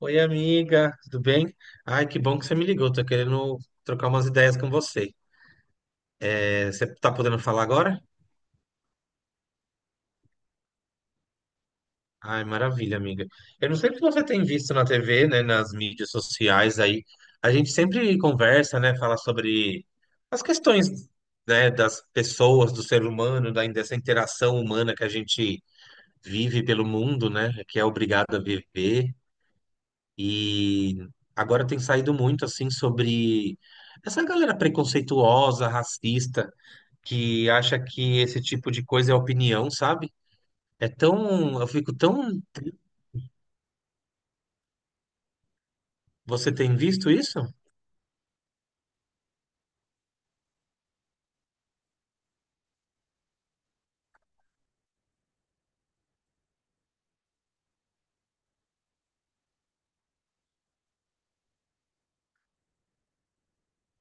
Oi, amiga, tudo bem? Ai, que bom que você me ligou. Tô querendo trocar umas ideias com você. Você tá podendo falar agora? Ai, maravilha, amiga. Eu não sei se você tem visto na TV, né, nas mídias sociais aí. A gente sempre conversa, né, fala sobre as questões, né, das pessoas, do ser humano, dessa interação humana que a gente vive pelo mundo, né, que é obrigado a viver. E agora tem saído muito assim sobre essa galera preconceituosa, racista, que acha que esse tipo de coisa é opinião, sabe? É tão, eu fico tão. Você tem visto isso?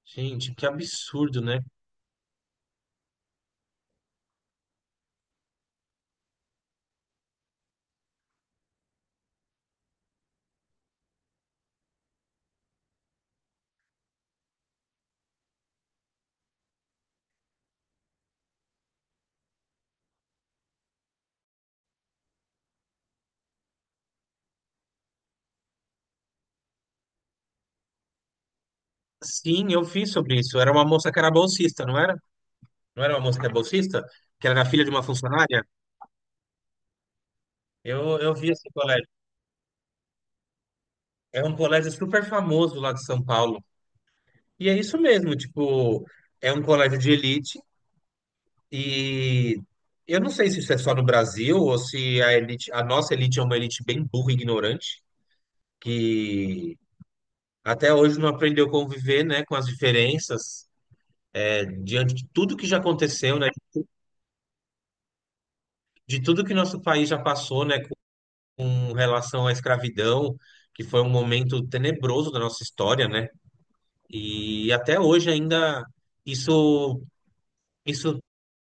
Gente, que absurdo, né? Sim, eu vi sobre isso. Era uma moça que era bolsista, não era? Não era uma moça que é bolsista? Que era filha de uma funcionária? Eu vi esse colégio. É um colégio super famoso lá de São Paulo. E é isso mesmo, tipo, é um colégio de elite. E eu não sei se isso é só no Brasil ou se a elite, a nossa elite é uma elite bem burra e ignorante, que até hoje não aprendeu a conviver, né, com as diferenças, é, diante de tudo que já aconteceu, né, de tudo que nosso país já passou, né, com relação à escravidão, que foi um momento tenebroso da nossa história, né? E até hoje ainda isso isso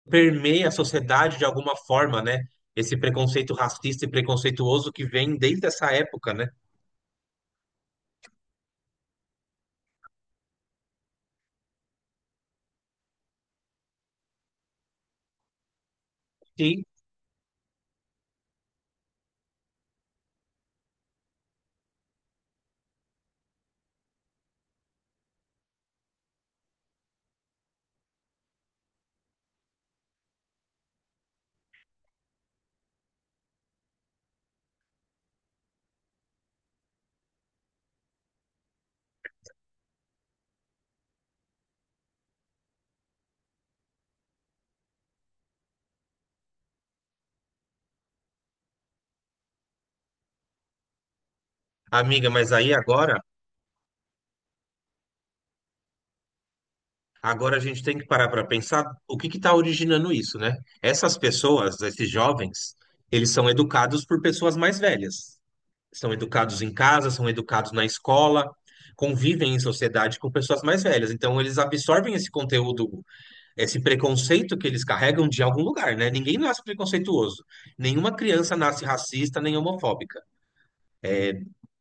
permeia a sociedade de alguma forma, né? Esse preconceito racista e preconceituoso que vem desde essa época, né? Sim, amiga, mas aí agora, agora a gente tem que parar para pensar o que está originando isso, né? Essas pessoas, esses jovens, eles são educados por pessoas mais velhas. São educados em casa, são educados na escola, convivem em sociedade com pessoas mais velhas. Então, eles absorvem esse conteúdo, esse preconceito que eles carregam de algum lugar, né? Ninguém nasce preconceituoso. Nenhuma criança nasce racista nem homofóbica.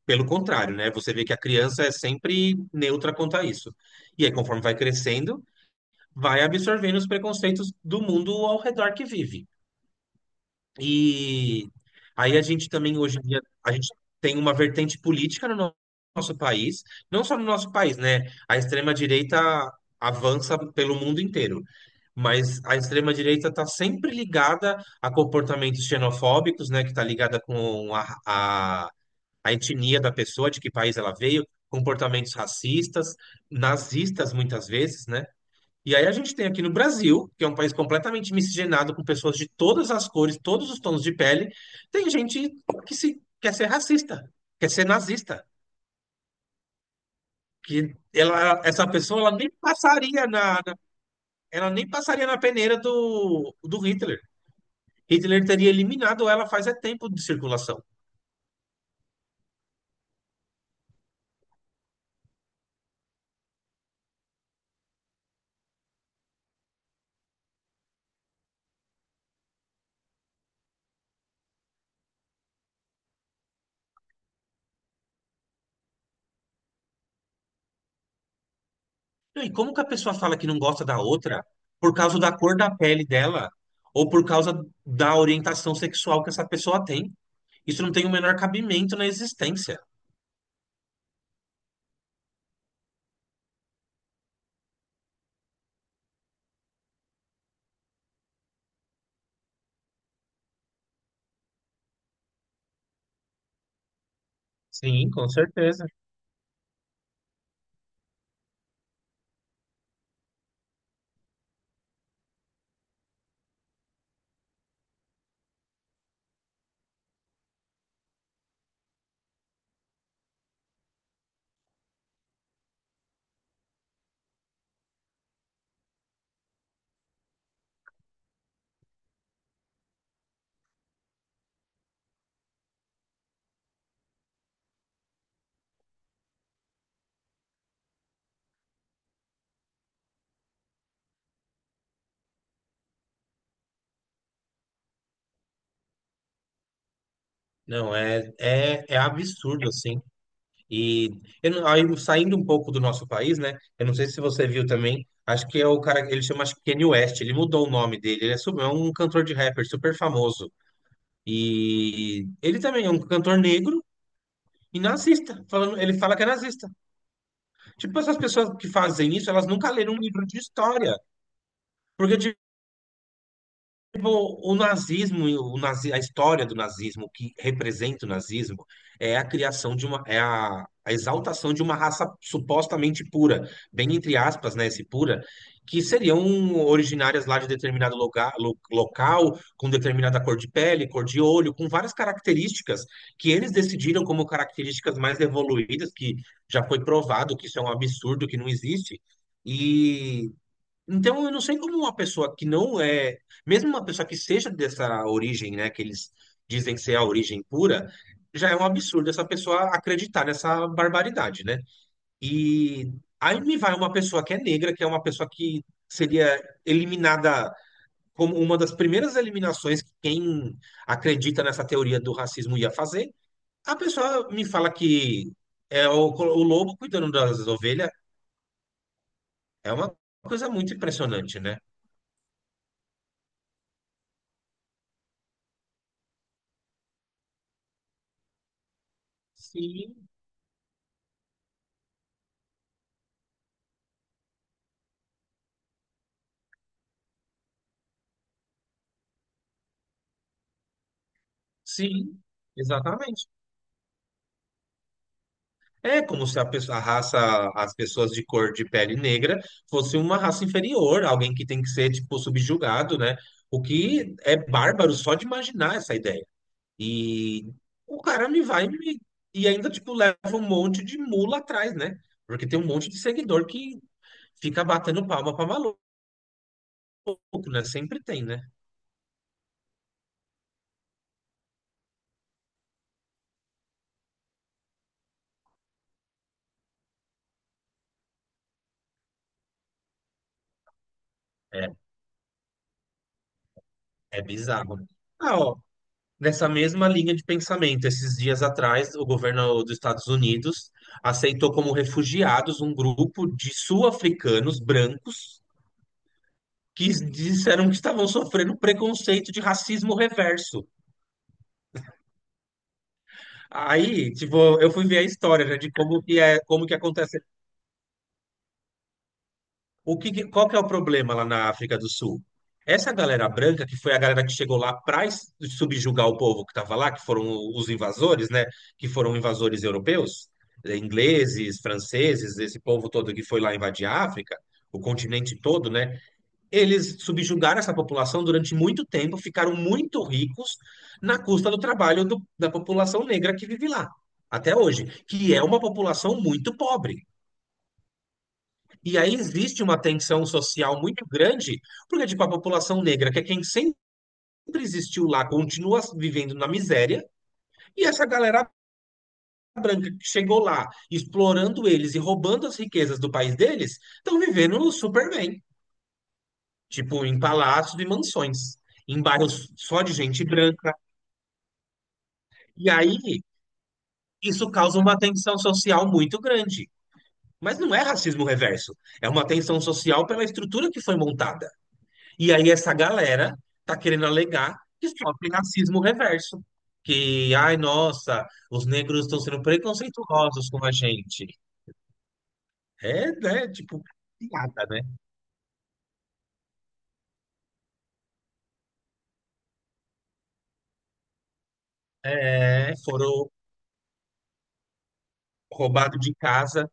Pelo contrário, né? Você vê que a criança é sempre neutra quanto a isso. E aí, conforme vai crescendo, vai absorvendo os preconceitos do mundo ao redor que vive. E aí a gente também hoje em dia a gente tem uma vertente política no nosso país, não só no nosso país, né? A extrema-direita avança pelo mundo inteiro. Mas a extrema-direita está sempre ligada a comportamentos xenofóbicos, né? Que está ligada com a etnia da pessoa, de que país ela veio, comportamentos racistas, nazistas muitas vezes, né? E aí a gente tem aqui no Brasil, que é um país completamente miscigenado com pessoas de todas as cores, todos os tons de pele, tem gente que se quer ser racista, quer ser nazista, que ela, essa pessoa ela nem passaria na ela nem passaria na peneira do Hitler. Hitler teria eliminado ela faz é tempo de circulação. E como que a pessoa fala que não gosta da outra por causa da cor da pele dela ou por causa da orientação sexual que essa pessoa tem? Isso não tem o menor cabimento na existência. Sim, com certeza. Não, é absurdo, assim. E eu não- aí, saindo um pouco do nosso país, né? Eu não sei se você viu também, acho que é o cara, ele chama, acho que Kanye West, ele mudou o nome dele, é um cantor de rapper super famoso. E ele também é um cantor negro e nazista, falando, ele fala que é nazista. Tipo, essas pessoas que fazem isso, elas nunca leram um livro de história. Porque, o nazismo, a história do nazismo, o que representa o nazismo, é a criação de uma, é a exaltação de uma raça supostamente pura, bem entre aspas, né, esse pura, que seriam originárias lá de determinado lugar, local, com determinada cor de pele, cor de olho, com várias características que eles decidiram como características mais evoluídas, que já foi provado que isso é um absurdo, que não existe. Então, eu não sei como uma pessoa que não é, mesmo uma pessoa que seja dessa origem, né, que eles dizem ser a origem pura, já é um absurdo essa pessoa acreditar nessa barbaridade, né? E aí me vai uma pessoa que é negra, que é uma pessoa que seria eliminada como uma das primeiras eliminações que quem acredita nessa teoria do racismo ia fazer. A pessoa me fala que é o lobo cuidando das ovelhas, é uma coisa muito impressionante, né? Sim. Sim, exatamente. É como se a pessoa, a raça, as pessoas de cor de pele negra fosse uma raça inferior, alguém que tem que ser, tipo, subjugado, né? O que é bárbaro só de imaginar essa ideia. E o cara me vai e me, e ainda, tipo, leva um monte de mula atrás, né? Porque tem um monte de seguidor que fica batendo palma pra maluco, né? Sempre tem, né? É, é bizarro. Ah, ó, nessa mesma linha de pensamento, esses dias atrás, o governo dos Estados Unidos aceitou como refugiados um grupo de sul-africanos brancos que disseram que estavam sofrendo preconceito de racismo reverso. Aí, tipo, eu fui ver a história, né, de como que é, como que acontece. O que, qual que é o problema lá na África do Sul? Essa galera branca, que foi a galera que chegou lá para subjugar o povo que estava lá, que foram os invasores, né? Que foram invasores europeus, ingleses, franceses, esse povo todo que foi lá invadir a África, o continente todo, né? Eles subjugaram essa população durante muito tempo, ficaram muito ricos na custa do trabalho da população negra que vive lá, até hoje, que é uma população muito pobre. E aí existe uma tensão social muito grande, porque tipo, a população negra, que é quem sempre existiu lá, continua vivendo na miséria, e essa galera branca que chegou lá, explorando eles e roubando as riquezas do país deles, estão vivendo super bem, tipo, em palácios e mansões, em bairros só de gente branca. E aí isso causa uma tensão social muito grande. Mas não é racismo reverso, é uma tensão social pela estrutura que foi montada. E aí essa galera tá querendo alegar que sofre racismo reverso. Que, ai, nossa, os negros estão sendo preconceituosos com a gente. É, né? Tipo, piada, né? É, foram roubados de casa.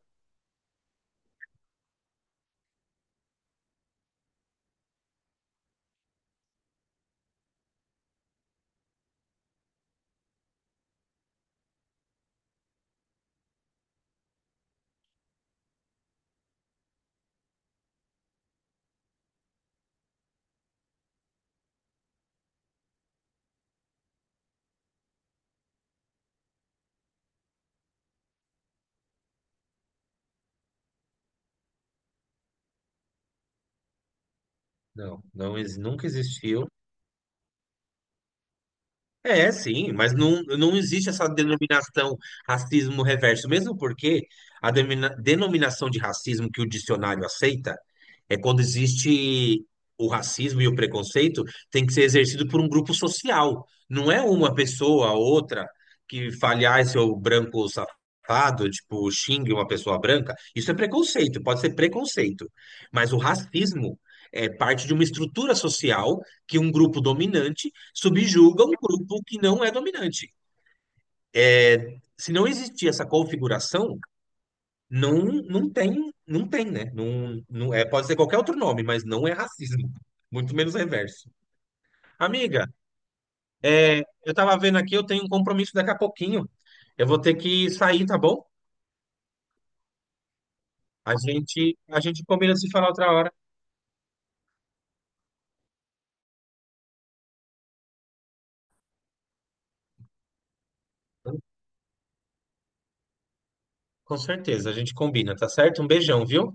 Nunca existiu. É, sim, mas não existe essa denominação racismo reverso, mesmo porque a denominação de racismo que o dicionário aceita é quando existe o racismo e o preconceito tem que ser exercido por um grupo social, não é uma pessoa ou outra que fale, ah, seu branco safado, tipo, xingue uma pessoa branca. Isso é preconceito, pode ser preconceito, mas o racismo é parte de uma estrutura social que um grupo dominante subjuga um grupo que não é dominante. É, se não existir essa configuração, não tem, não tem, né? Não é, pode ser qualquer outro nome, mas não é racismo. Muito menos reverso. Amiga, eu tava vendo aqui, eu tenho um compromisso daqui a pouquinho. Eu vou ter que sair, tá bom? A gente combina de se falar outra hora. Com certeza, a gente combina, tá certo? Um beijão, viu?